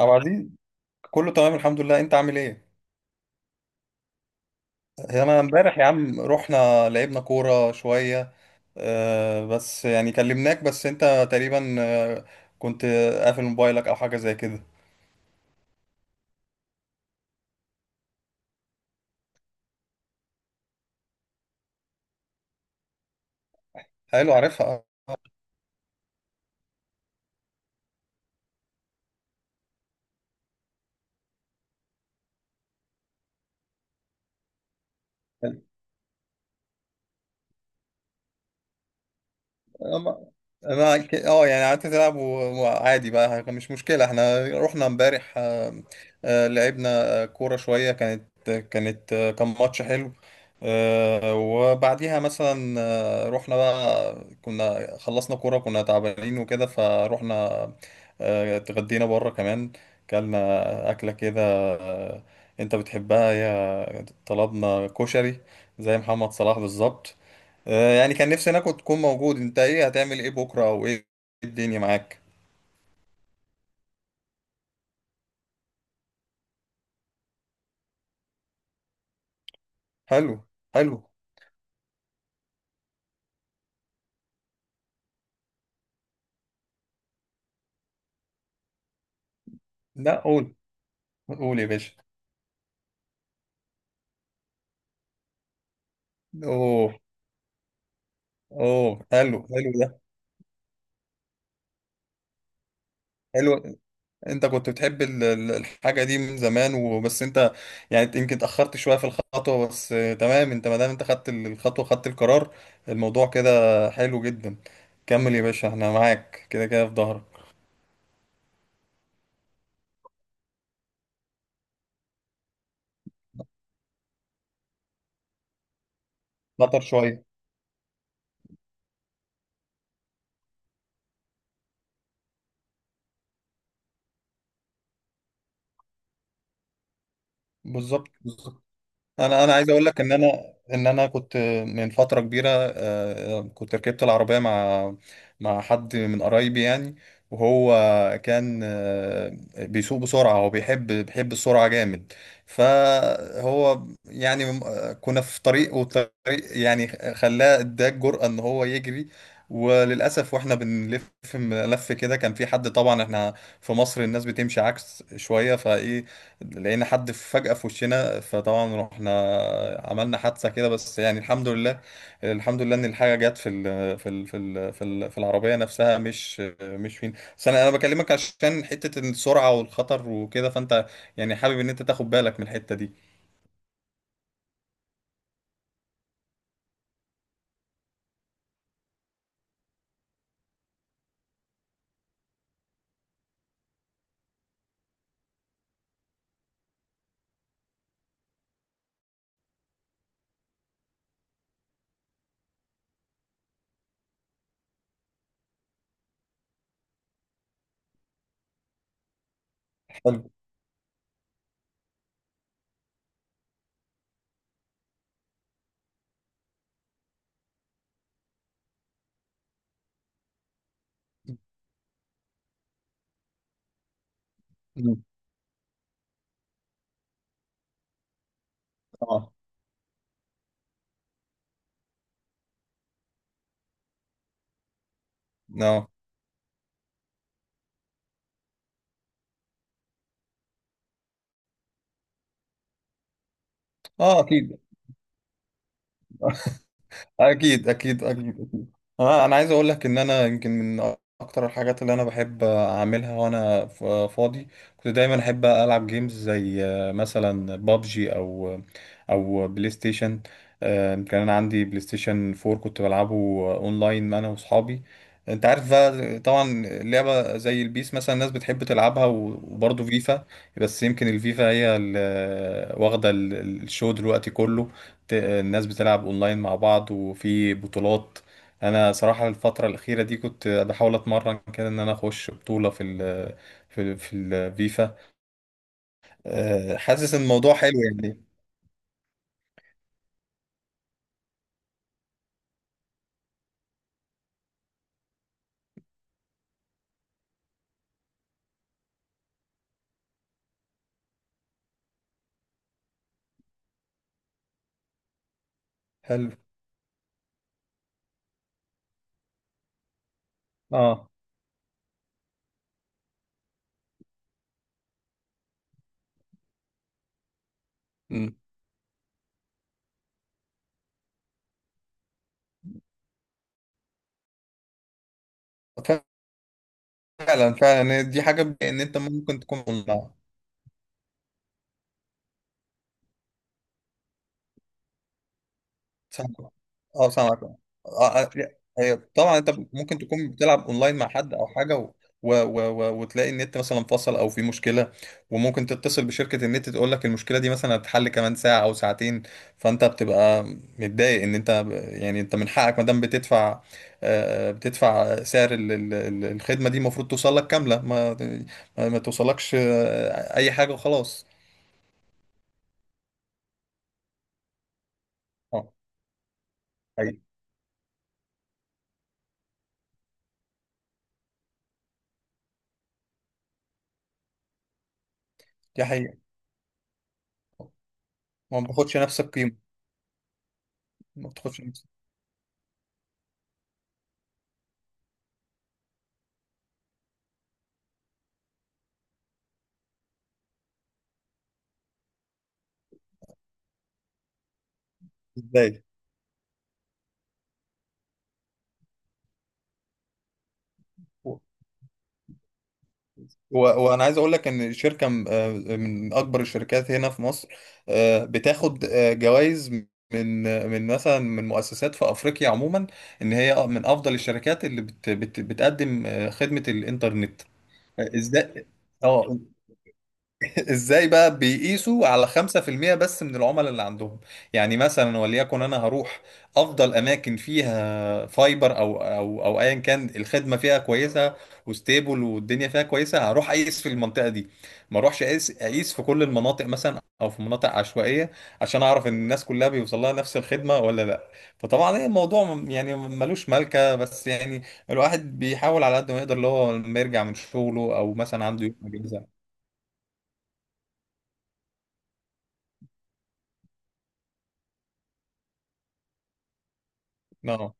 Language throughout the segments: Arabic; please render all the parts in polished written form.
عبد العزيز، كله تمام الحمد لله. انت عامل ايه؟ انا امبارح يا عم رحنا لعبنا كورة شوية. بس يعني كلمناك بس انت تقريبا كنت قافل موبايلك او حاجة زي كده. حلو، عارفها. أما انا يعني قعدت تلعب وعادي بقى، مش مشكله. احنا رحنا امبارح، لعبنا كوره شويه. كان ماتش حلو، وبعديها مثلا رحنا بقى. كنا خلصنا كوره، كنا تعبانين وكده، فروحنا اتغدينا بره كمان. كلنا اكله كده، آه، انت بتحبها. يا طلبنا كشري زي محمد صلاح بالظبط. يعني كان نفسي انا، كنت تكون موجود. انت ايه هتعمل ايه بكره او ايه الدنيا معاك؟ حلو حلو. لا قول، قول يا باشا. اوه اوه، حلو، حلو ده. حلو. انت كنت بتحب الحاجه دي من زمان وبس انت يعني يمكن اتاخرت شويه في الخطوه، بس تمام. انت ما دام انت خدت الخطوه، خدت القرار، الموضوع كده حلو جدا. كمل يا باشا، احنا معاك كده كده في ظهرك. خطر شويه. بالظبط بالظبط. انا عايز اقول لك ان انا كنت من فتره كبيره، كنت ركبت العربيه مع حد من قرايبي يعني. وهو كان بيسوق بسرعه، هو بيحب السرعه جامد. فهو يعني كنا في طريق، والطريق يعني خلاه اداه الجرأه ان هو يجري. وللاسف واحنا بنلف لف كده، كان في حد. طبعا احنا في مصر الناس بتمشي عكس شويه، فايه لقينا حد فجأة في وشنا، فطبعا رحنا عملنا حادثة كده. بس يعني الحمد لله، الحمد لله ان الحاجة جت في ال في ال في ال في, ال في العربية نفسها، مش مش فين. بس انا بكلمك عشان حتة السرعة والخطر وكده، فانت يعني حابب ان انت تاخد بالك من الحتة دي. حلو. مم. اه اه اه اكيد اكيد. انا عايز اقول لك ان انا يمكن من اكتر الحاجات اللي انا بحب اعملها وانا فاضي، كنت دايما احب العب جيمز زي مثلا بابجي او بلاي ستيشن. كان انا عندي بلاي ستيشن 4 كنت بلعبه اونلاين انا واصحابي. انت عارف بقى طبعا لعبة زي البيس مثلا الناس بتحب تلعبها، وبرضه فيفا. بس يمكن الفيفا هي اللي واخدة الشو دلوقتي كله. الناس بتلعب اونلاين مع بعض وفي بطولات. انا صراحة الفترة الأخيرة دي كنت بحاول اتمرن كده ان انا اخش بطولة في في الفيفا. أه، حاسس ان الموضوع حلو يعني. حلو. اه. مم. فعلا فعلا، دي حاجة. ان انت ممكن تكون اونلاين. سامعك، اه سامعك اه. لا، هي طبعا انت ممكن تكون بتلعب اونلاين مع حد او حاجه وتلاقي النت مثلا فصل او في مشكله. وممكن تتصل بشركه النت تقول لك المشكله دي مثلا هتتحل كمان ساعه او ساعتين. فانت بتبقى متضايق ان انت يعني انت من حقك ما دام بتدفع، بتدفع سعر الخدمه دي، المفروض توصل لك كامله. ما توصلكش اي حاجه وخلاص. اه. حقيقي. دي حقيقه. ما بتاخدش نفس القيمه. ما بتاخدش نفس. ازاي؟ و- وانا عايز اقول لك ان شركه من اكبر الشركات هنا في مصر بتاخد جوائز من مثلا من مؤسسات في افريقيا عموما، ان هي من افضل الشركات اللي بت بت بتقدم خدمه الانترنت. ازاي؟ اه. ازاي بقى بيقيسوا على 5% بس من العملاء اللي عندهم؟ يعني مثلا وليكن انا هروح افضل اماكن فيها فايبر او ايا كان الخدمه فيها كويسه وستيبل والدنيا فيها كويسه، هروح اقيس في المنطقه دي. ما اروحش اقيس في كل المناطق مثلا او في مناطق عشوائيه، عشان اعرف ان الناس كلها بيوصل لها نفس الخدمه ولا لا. فطبعا ايه الموضوع، يعني ملوش ملكه، بس يعني الواحد بيحاول على قد ما يقدر، اللي هو لما يرجع من شغله او مثلا عنده يوم اجازه. نعم.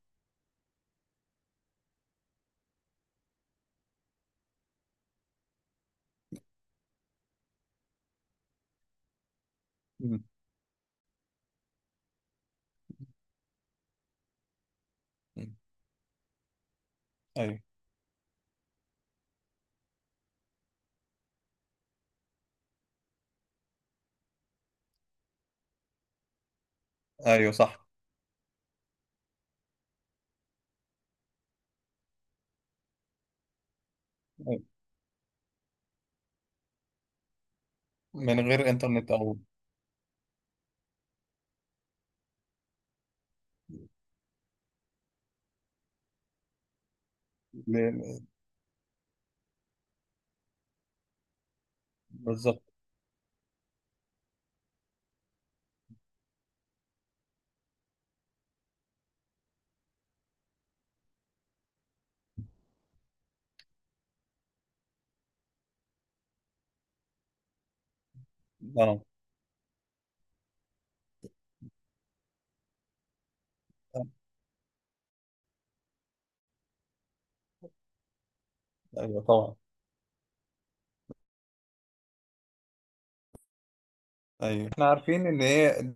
مم. ايوه. ايوه صح. أيوة. من غير انترنت او ل- بالظبط. انا. ايوه طبعا. ايوه احنا عارفين ان هي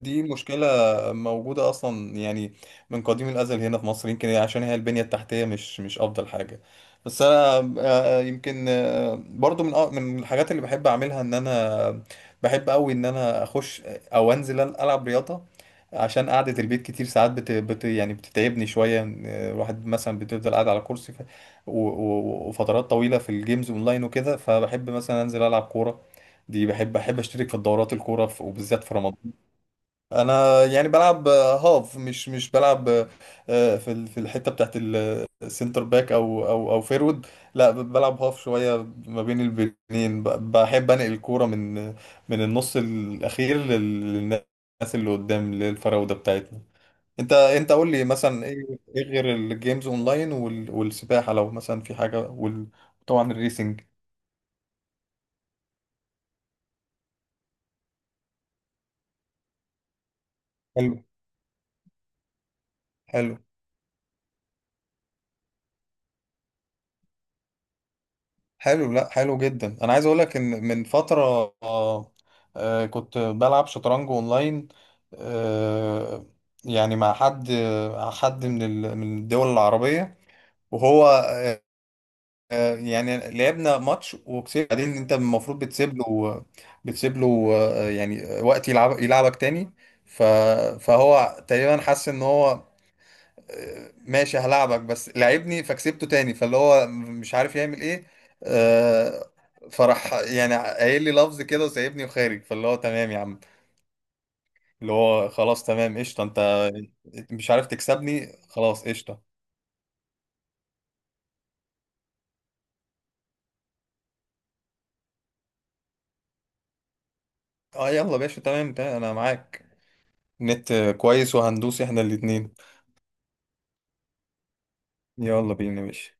دي مشكلة موجودة أصلا يعني، من قديم الأزل هنا في مصر، يمكن عشان هي البنية التحتية مش مش أفضل حاجة. بس أنا يمكن برضو من من الحاجات اللي بحب أعملها، إن أنا بحب أوي إن أنا أخش أو أنزل ألعب رياضة، عشان قعدة البيت كتير ساعات يعني بتتعبني شوية. الواحد مثلا بتفضل قاعد على كرسي وفترات طويلة في الجيمز أونلاين وكده، فبحب مثلا أنزل ألعب كورة. دي بحب، أشترك في الدورات، الكورة وبالذات في رمضان. انا يعني بلعب هاف، مش مش بلعب في في الحته بتاعت السنتر باك او فيرود، لا بلعب هاف شويه ما بين البنين. بحب انقل الكوره من النص الاخير للناس اللي قدام، للفراوده بتاعتنا. انت قول لي مثلا ايه، إيه غير الجيمز اونلاين والسباحه لو مثلا في حاجه، وطبعا الريسنج. حلو حلو. حلو لا، حلو جدا. انا عايز اقول لك ان من فتره كنت بلعب شطرنج اونلاين، آه، يعني مع حد، حد من من الدول العربيه. وهو يعني لعبنا ماتش وكسبت. بعدين انت المفروض بتسيب له، يعني وقت يلعب يلعبك تاني. ف- فهو تقريبا حس ان هو ماشي هلاعبك بس، لعبني، فكسبته تاني، فاللي هو مش عارف يعمل ايه. آه، فراح يعني قايل لي لفظ كده وسايبني وخارج، فاللي هو تمام يا عم، اللي هو خلاص تمام قشطه. انت مش عارف تكسبني، خلاص قشطه. اه يلا يا باشا، تمام تمام، انا معاك. نت كويس وهندوس احنا الاتنين. يلا بينا يا باشا.